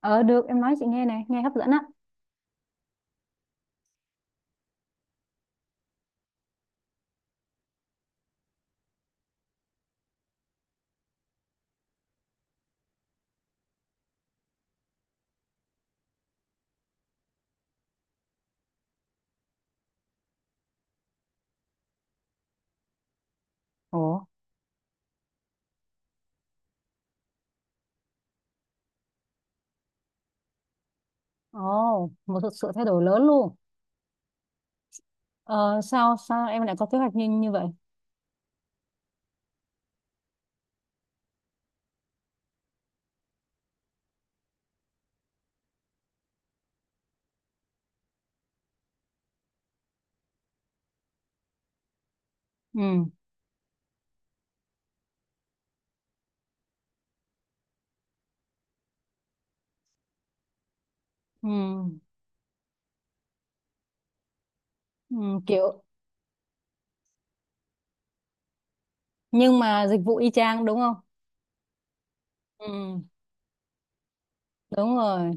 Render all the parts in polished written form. Ờ Được, em nói chị nghe. Này nghe hấp dẫn á. Ồ. Ồ, một sự thay đổi lớn luôn. Ờ, sao sao em lại có kế hoạch như như vậy? Ừ, ừ, ừ. Kiểu nhưng mà dịch vụ y chang đúng không? Ừ, đúng rồi.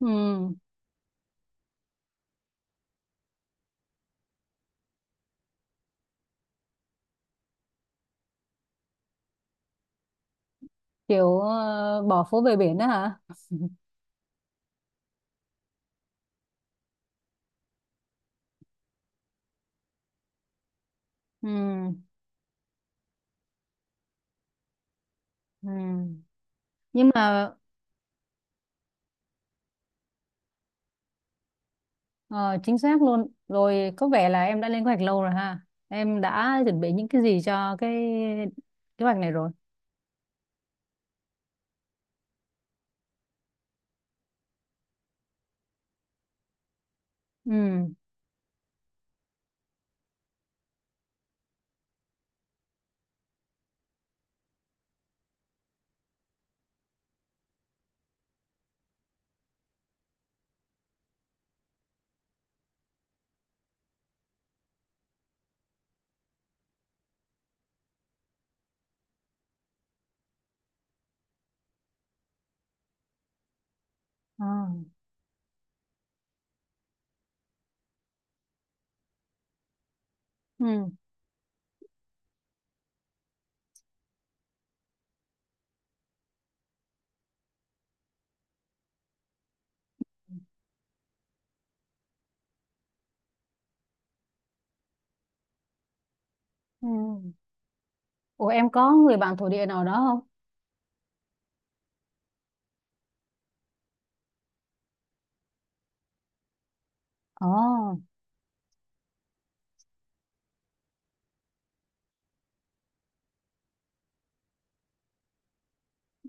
Ừ. Kiểu bỏ phố về biển đó hả? Ừ, ừ. Nhưng mà ờ, chính xác luôn rồi, có vẻ là em đã lên kế hoạch lâu rồi ha. Em đã chuẩn bị những cái gì cho cái kế hoạch này rồi? Ừ. Ờ, ừ, ừ. Ủa em có người bạn thổ địa nào đó không?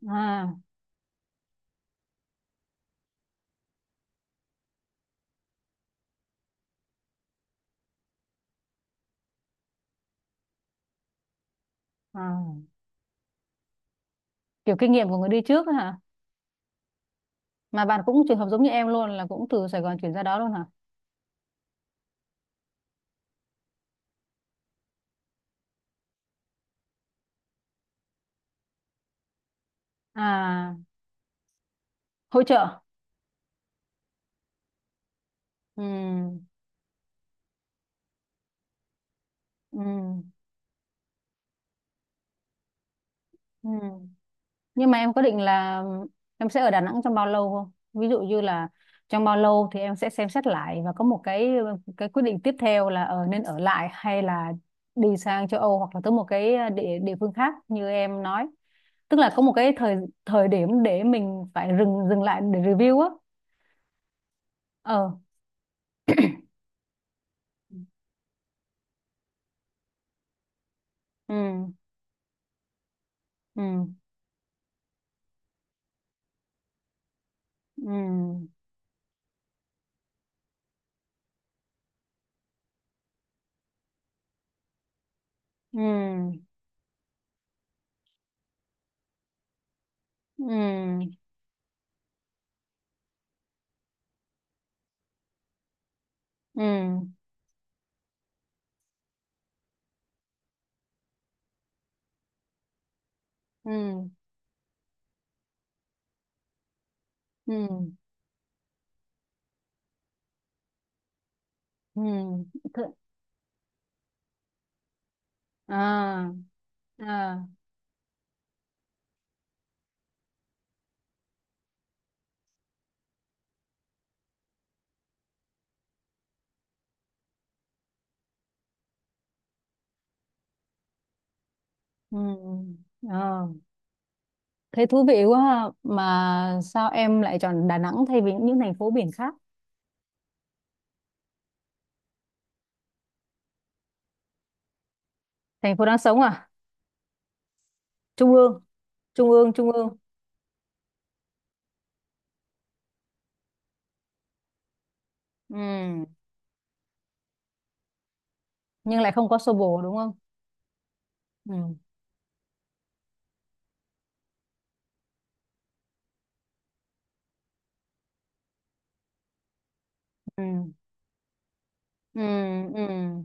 Ồ, à, à, kiểu kinh nghiệm của người đi trước ấy hả? Mà bạn cũng trường hợp giống như em luôn, là cũng từ Sài Gòn chuyển ra đó luôn hả? À, hỗ trợ. Ừ, ừ, ừ. Nhưng mà em có định là em sẽ ở Đà Nẵng trong bao lâu không? Ví dụ như là trong bao lâu thì em sẽ xem xét lại và có một cái quyết định tiếp theo là ở, nên ở lại hay là đi sang châu Âu hoặc là tới một cái địa địa phương khác như em nói. Tức là có một cái thời thời điểm để mình phải dừng dừng lại để review á. Ờ. Ừ. Ừ. Ừ. Ừ. Ừ. Ừ. Ừ. Ừ. Ừ. Thử- À. À. Ừ. Ờ, thấy thú vị quá ha. Mà sao em lại chọn Đà Nẵng thay vì những thành phố biển khác? Thành phố đang sống à? Trung ương, trung ương. Ừ. Nhưng lại không có xô bồ đúng không? Ừ. Ừ. Ừ. Ừ.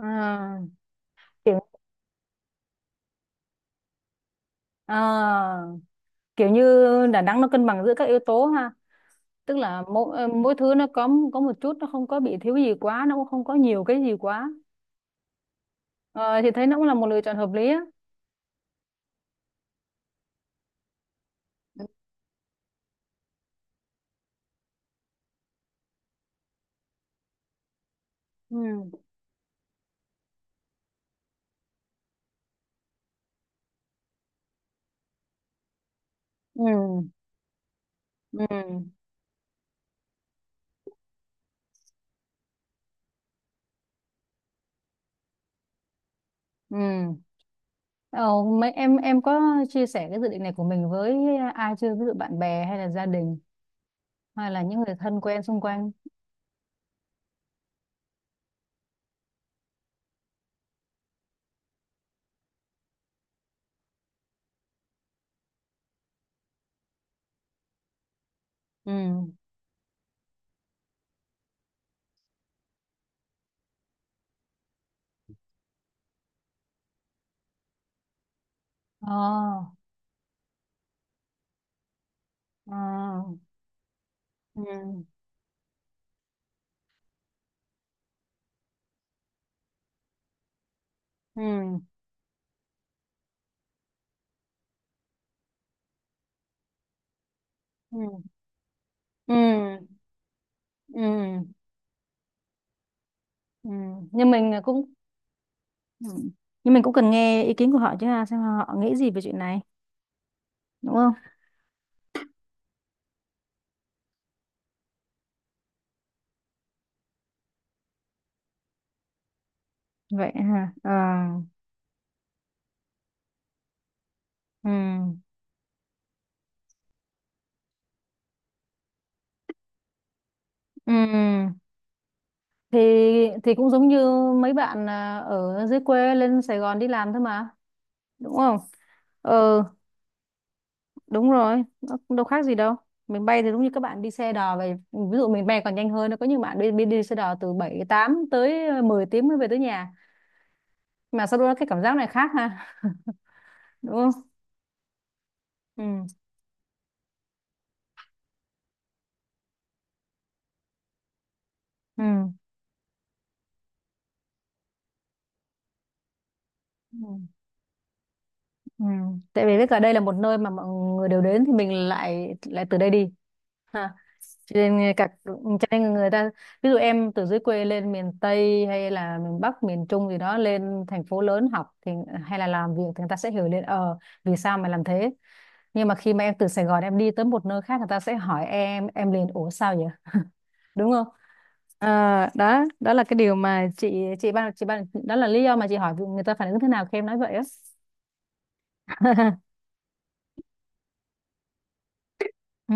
À, kiểu, à, kiểu như Đà Nẵng nó cân bằng giữa các yếu tố ha. Tức là mỗi, mỗi thứ nó có một chút, nó không có bị thiếu gì quá, nó cũng không có nhiều cái gì quá. Ờ, thì thấy nó cũng là một lựa chọn hợp lý á. Ừ. Ừ. Ừ. Ừ. Ừ. Ờ, mấy em có chia sẻ cái dự định này của mình với ai chưa? Ví dụ bạn bè hay là gia đình hay là những người thân quen xung quanh? Ừ. Ờ, ờ, ừ, ừ, ừ, ừ, ừ. Ừ. Nhưng mình cũng ừ, nhưng mình cũng cần nghe ý kiến của họ chứ ha, xem họ nghĩ gì về chuyện này, đúng không? Vậy hả? Ờ, ừ, ừ. Thì cũng giống như mấy bạn ở dưới quê lên Sài Gòn đi làm thôi mà, đúng không? Ừ đúng rồi, nó cũng đâu khác gì đâu. Mình bay thì đúng như các bạn đi xe đò về, ví dụ mình bay còn nhanh hơn. Có những bạn đi xe đò từ 7 8 tới mười tiếng mới về tới nhà, mà sau đó cái cảm giác này khác ha. Đúng không? Ừ. Ừ. Ừ. Ừ. Tại vì biết cả đây là một nơi mà mọi người đều đến thì mình lại lại từ đây đi ha. Cho nên người ta, ví dụ em từ dưới quê lên miền Tây hay là miền Bắc miền Trung gì đó lên thành phố lớn học thì hay là làm việc thì người ta sẽ hiểu lên ờ vì sao mà làm thế. Nhưng mà khi mà em từ Sài Gòn em đi tới một nơi khác người ta sẽ hỏi em liền, ủa sao vậy, đúng không? À, đó đó là cái điều mà chị ban đó là lý do mà chị hỏi người ta phản ứng thế nào khi em nói vậy á. Ừ,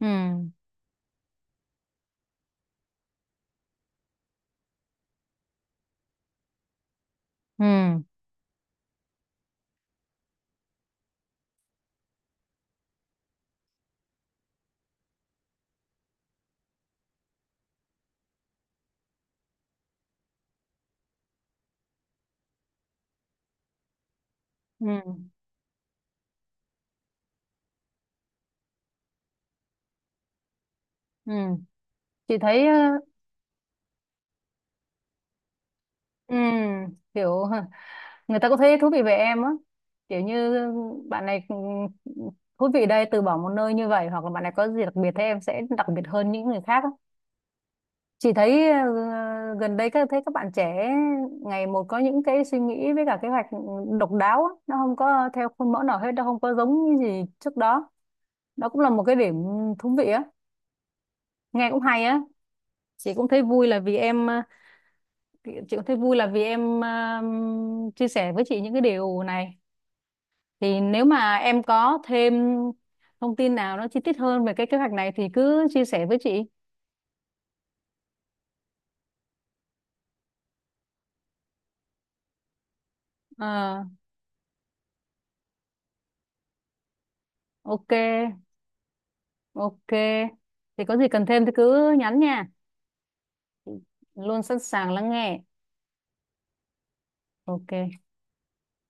ừ, ừ, ừ, ừ. Chị thấy ờ, ừ. Kiểu hả, người ta có thấy thú vị về em á. Kiểu như bạn này thú vị đây từ bỏ một nơi như vậy, hoặc là bạn này có gì đặc biệt thế, em sẽ đặc biệt hơn những người khác á. Chị thấy gần đây các thấy các bạn trẻ ngày một có những cái suy nghĩ với cả kế hoạch độc đáo á, nó không có theo khuôn mẫu nào hết, nó không có giống như gì trước đó. Đó cũng là một cái điểm thú vị á, nghe cũng hay á. Chị cũng thấy vui là vì em ờ, chị cũng thấy vui là vì em chia sẻ với chị những cái điều này. Thì nếu mà em có thêm thông tin nào nó chi tiết hơn về cái kế hoạch này thì cứ chia sẻ với chị. Ờ, ok, ok. Thì có gì cần thêm thì cứ nhắn nha. Luôn sẵn sàng lắng nghe. Ok.